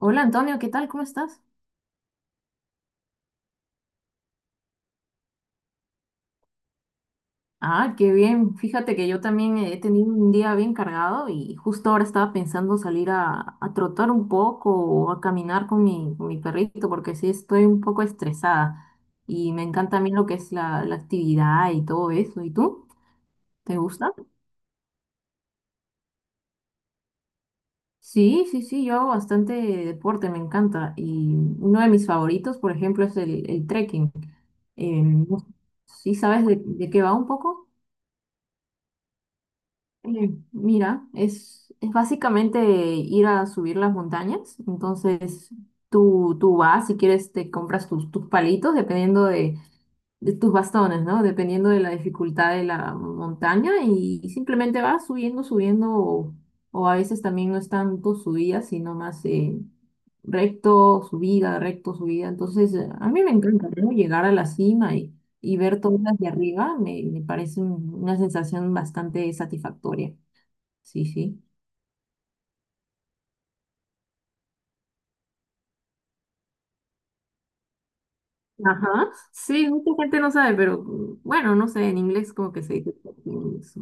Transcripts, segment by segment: Hola Antonio, ¿qué tal? ¿Cómo estás? Ah, qué bien. Fíjate que yo también he tenido un día bien cargado y justo ahora estaba pensando salir a trotar un poco o a caminar con con mi perrito porque sí estoy un poco estresada y me encanta a mí lo que es la actividad y todo eso. ¿Y tú? ¿Te gusta? Sí, sí, sí, yo hago bastante deporte, me encanta. Y uno de mis favoritos, por ejemplo, es el trekking. Em, no- ¿Sí sabes de qué va un poco? Mira, es básicamente ir a subir las montañas. Entonces, tú vas, si quieres, te compras tus palitos, de tus bastones, ¿no? Dependiendo de la dificultad de la montaña y simplemente vas subiendo, subiendo, o a veces también no es tanto subida, sino más recto, subida, recto, subida. Entonces, a mí me encanta, ¿no? Llegar a la cima y ver todas las de arriba, me parece una sensación bastante satisfactoria. Sí, sí. Ajá. Sí, mucha gente no sabe, pero mm, bueno, no sé, en inglés como que se dice eso.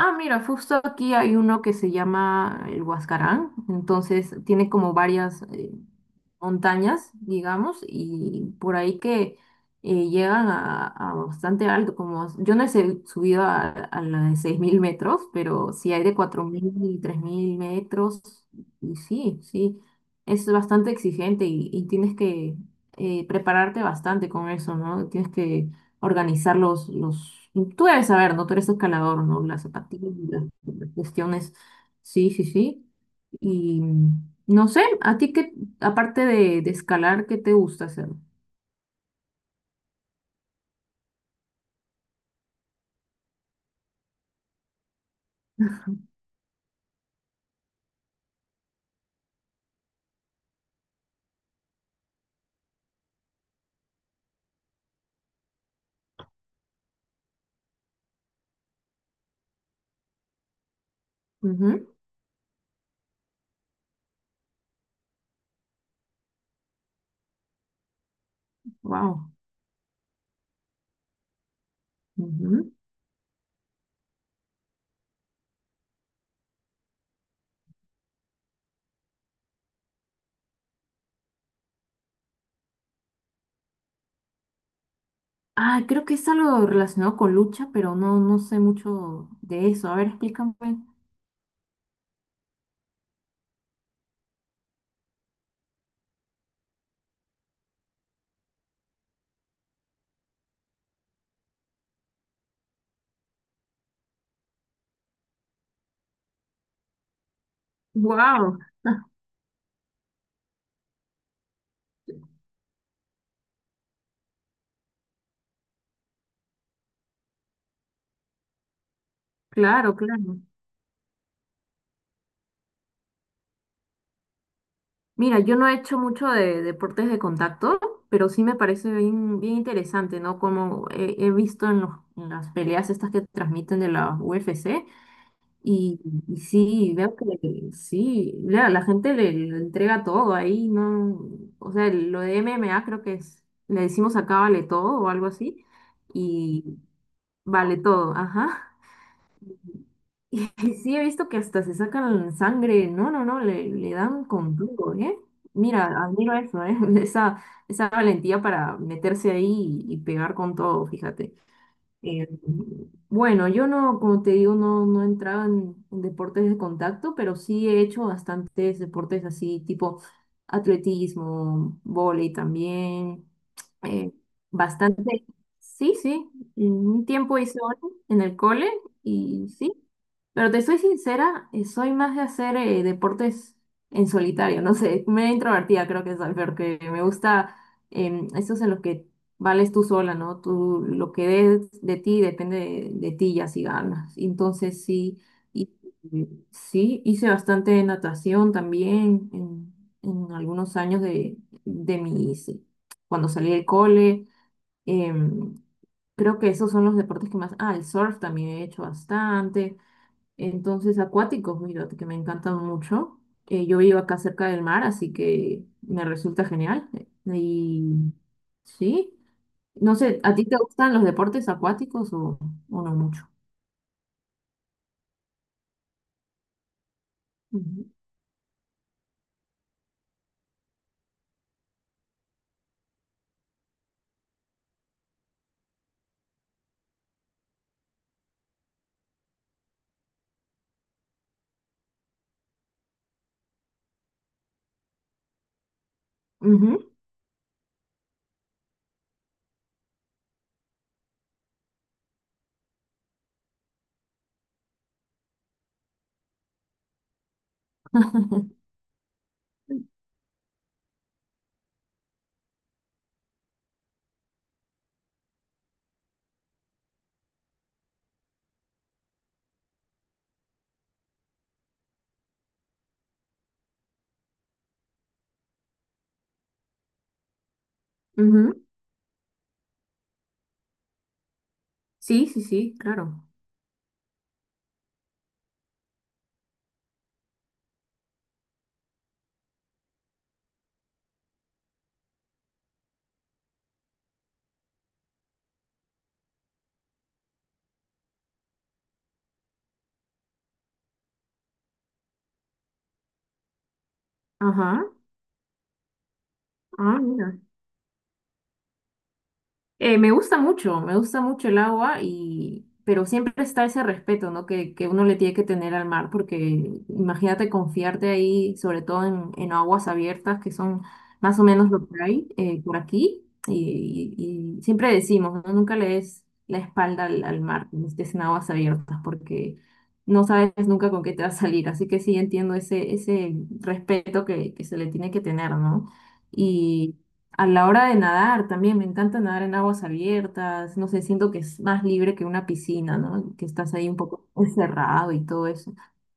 Ah, mira, justo aquí hay uno que se llama el Huascarán, entonces tiene como varias montañas, digamos, y por ahí que llegan a bastante alto, como yo no subido a la de 6000 metros, pero sí hay de 4000 y 3000 metros, y sí, sí, es bastante exigente y tienes que prepararte bastante con eso, ¿no? Tienes que organizar los... Tú debes saber, ¿no? Tú eres escalador, ¿no? Las zapatillas, las cuestiones. Sí, sí, sí. Y no sé, ¿a ti qué, aparte de escalar, qué te gusta hacer? Wow. Ah, creo que es algo relacionado con lucha, pero no, no sé mucho de eso. A ver, explícame. Wow. Claro, claro. Mira, yo no he hecho mucho de deportes de contacto, pero sí me parece bien, bien interesante, ¿no? Como he visto en en las peleas estas que transmiten de la UFC, y, y sí, veo que sí, la gente le entrega todo ahí, ¿no? O sea, lo de MMA creo le decimos acá vale todo o algo así, y vale todo, ajá. Y sí, he visto que hasta se sacan sangre. No, no, no, le dan con todo, ¿eh? Mira, admiro eso, ¿eh? Esa, esa valentía para meterse ahí y pegar con todo, fíjate. Eh, bueno, yo no, como te digo, no, no entraba en deportes de contacto, pero sí he hecho bastantes deportes así, tipo atletismo, vóley también. eh, Bastante, sí, sí. En un tiempo hice vóley en el cole y sí. Pero te soy sincera, soy más de hacer deportes en solitario, no sé, me introvertida creo que soy, porque me gusta esos en los que vales tú sola, ¿no? Tú, lo que des de ti depende de ti, ya si ganas. Entonces sí, y, y sí, hice bastante natación también en algunos años de mis, cuando salí del cole. Em, Creo que esos son los deportes que más, ah, el surf también he hecho bastante. Entonces acuáticos, mira, que me encantan mucho. Yo vivo acá cerca del mar, así que me resulta genial. Y sí. No sé, ¿a ti te gustan los deportes acuáticos o no mucho? Ujú, ujú, ujú. Sí, sí, sí, claro. Ajá. Ah, mira. Me gusta mucho, me gusta mucho el agua y pero siempre está ese respeto, ¿no? Que uno le tiene que tener al mar, porque imagínate confiarte ahí, sobre todo en aguas abiertas, que son más o menos lo que hay por aquí. Y siempre decimos, ¿no? Nunca le des la espalda al mar cuando estés en aguas abiertas, porque no sabes nunca con qué te va a salir. Así que sí entiendo ese, ese respeto que se le tiene que tener, ¿no? A la hora de nadar también, me encanta nadar en aguas abiertas, no sé, siento que es más libre que una piscina, ¿no? Que estás ahí un poco encerrado y todo eso.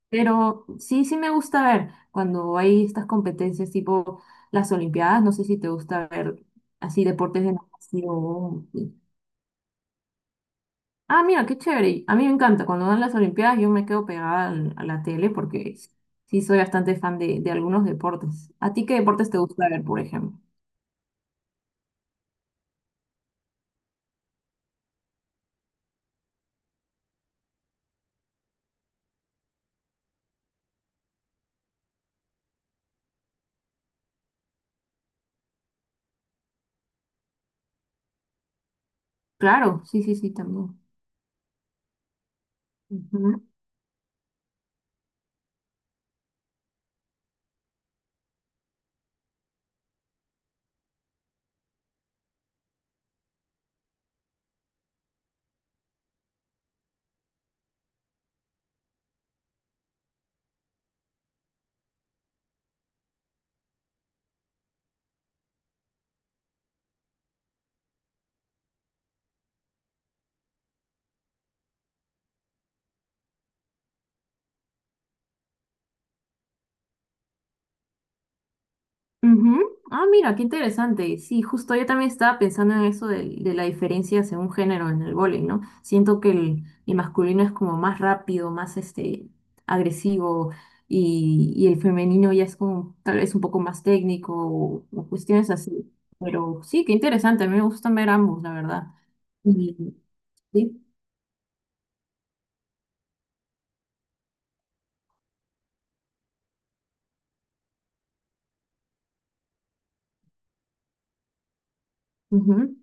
Pero sí, sí me gusta ver cuando hay estas competencias tipo las Olimpiadas, no sé si te gusta ver así deportes de natación. Sí. Ah, mira, qué chévere. A mí me encanta, cuando dan las Olimpiadas yo me quedo pegada a la tele porque sí soy bastante fan de algunos deportes. ¿A ti qué deportes te gusta ver, por ejemplo? Claro, sí, sí, sí, también. Ujú. Ujú. Ah, mira, qué interesante. Sí, justo yo también estaba pensando en eso de la diferencia según género en el vóley, ¿no? Siento que el masculino es como más rápido, más agresivo y el femenino ya es como tal vez un poco más técnico o cuestiones así. Pero sí, qué interesante. A mí me gustan ver ambos, la verdad. Y, sí. Ujú.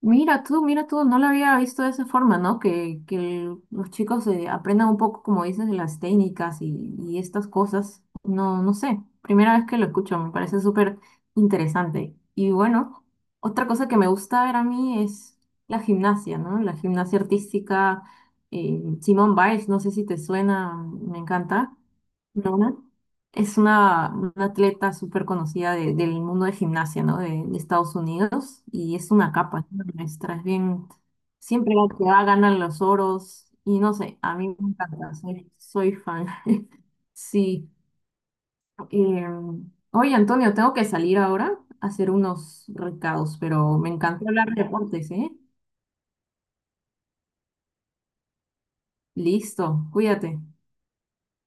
Mira tú, no lo había visto de esa forma, ¿no? Que los chicos aprendan un poco, como dices, de las técnicas y estas cosas. No, no sé, primera vez que lo escucho, me parece súper interesante. Y bueno, otra cosa que me gusta ver a mí es la gimnasia, ¿no? La gimnasia artística, Simone Biles, no sé si te suena, me encanta. ¿No? Es una atleta súper conocida del mundo de gimnasia, ¿no? De Estados Unidos. Y es una capa, es una maestra. Es bien, siempre la que va ganan los oros. Y no sé, a mí me encanta, soy, soy fan. Sí. Oye, Antonio, tengo que salir ahora a hacer unos recados, pero me encantó hablar de deportes, ¿eh? Listo, cuídate.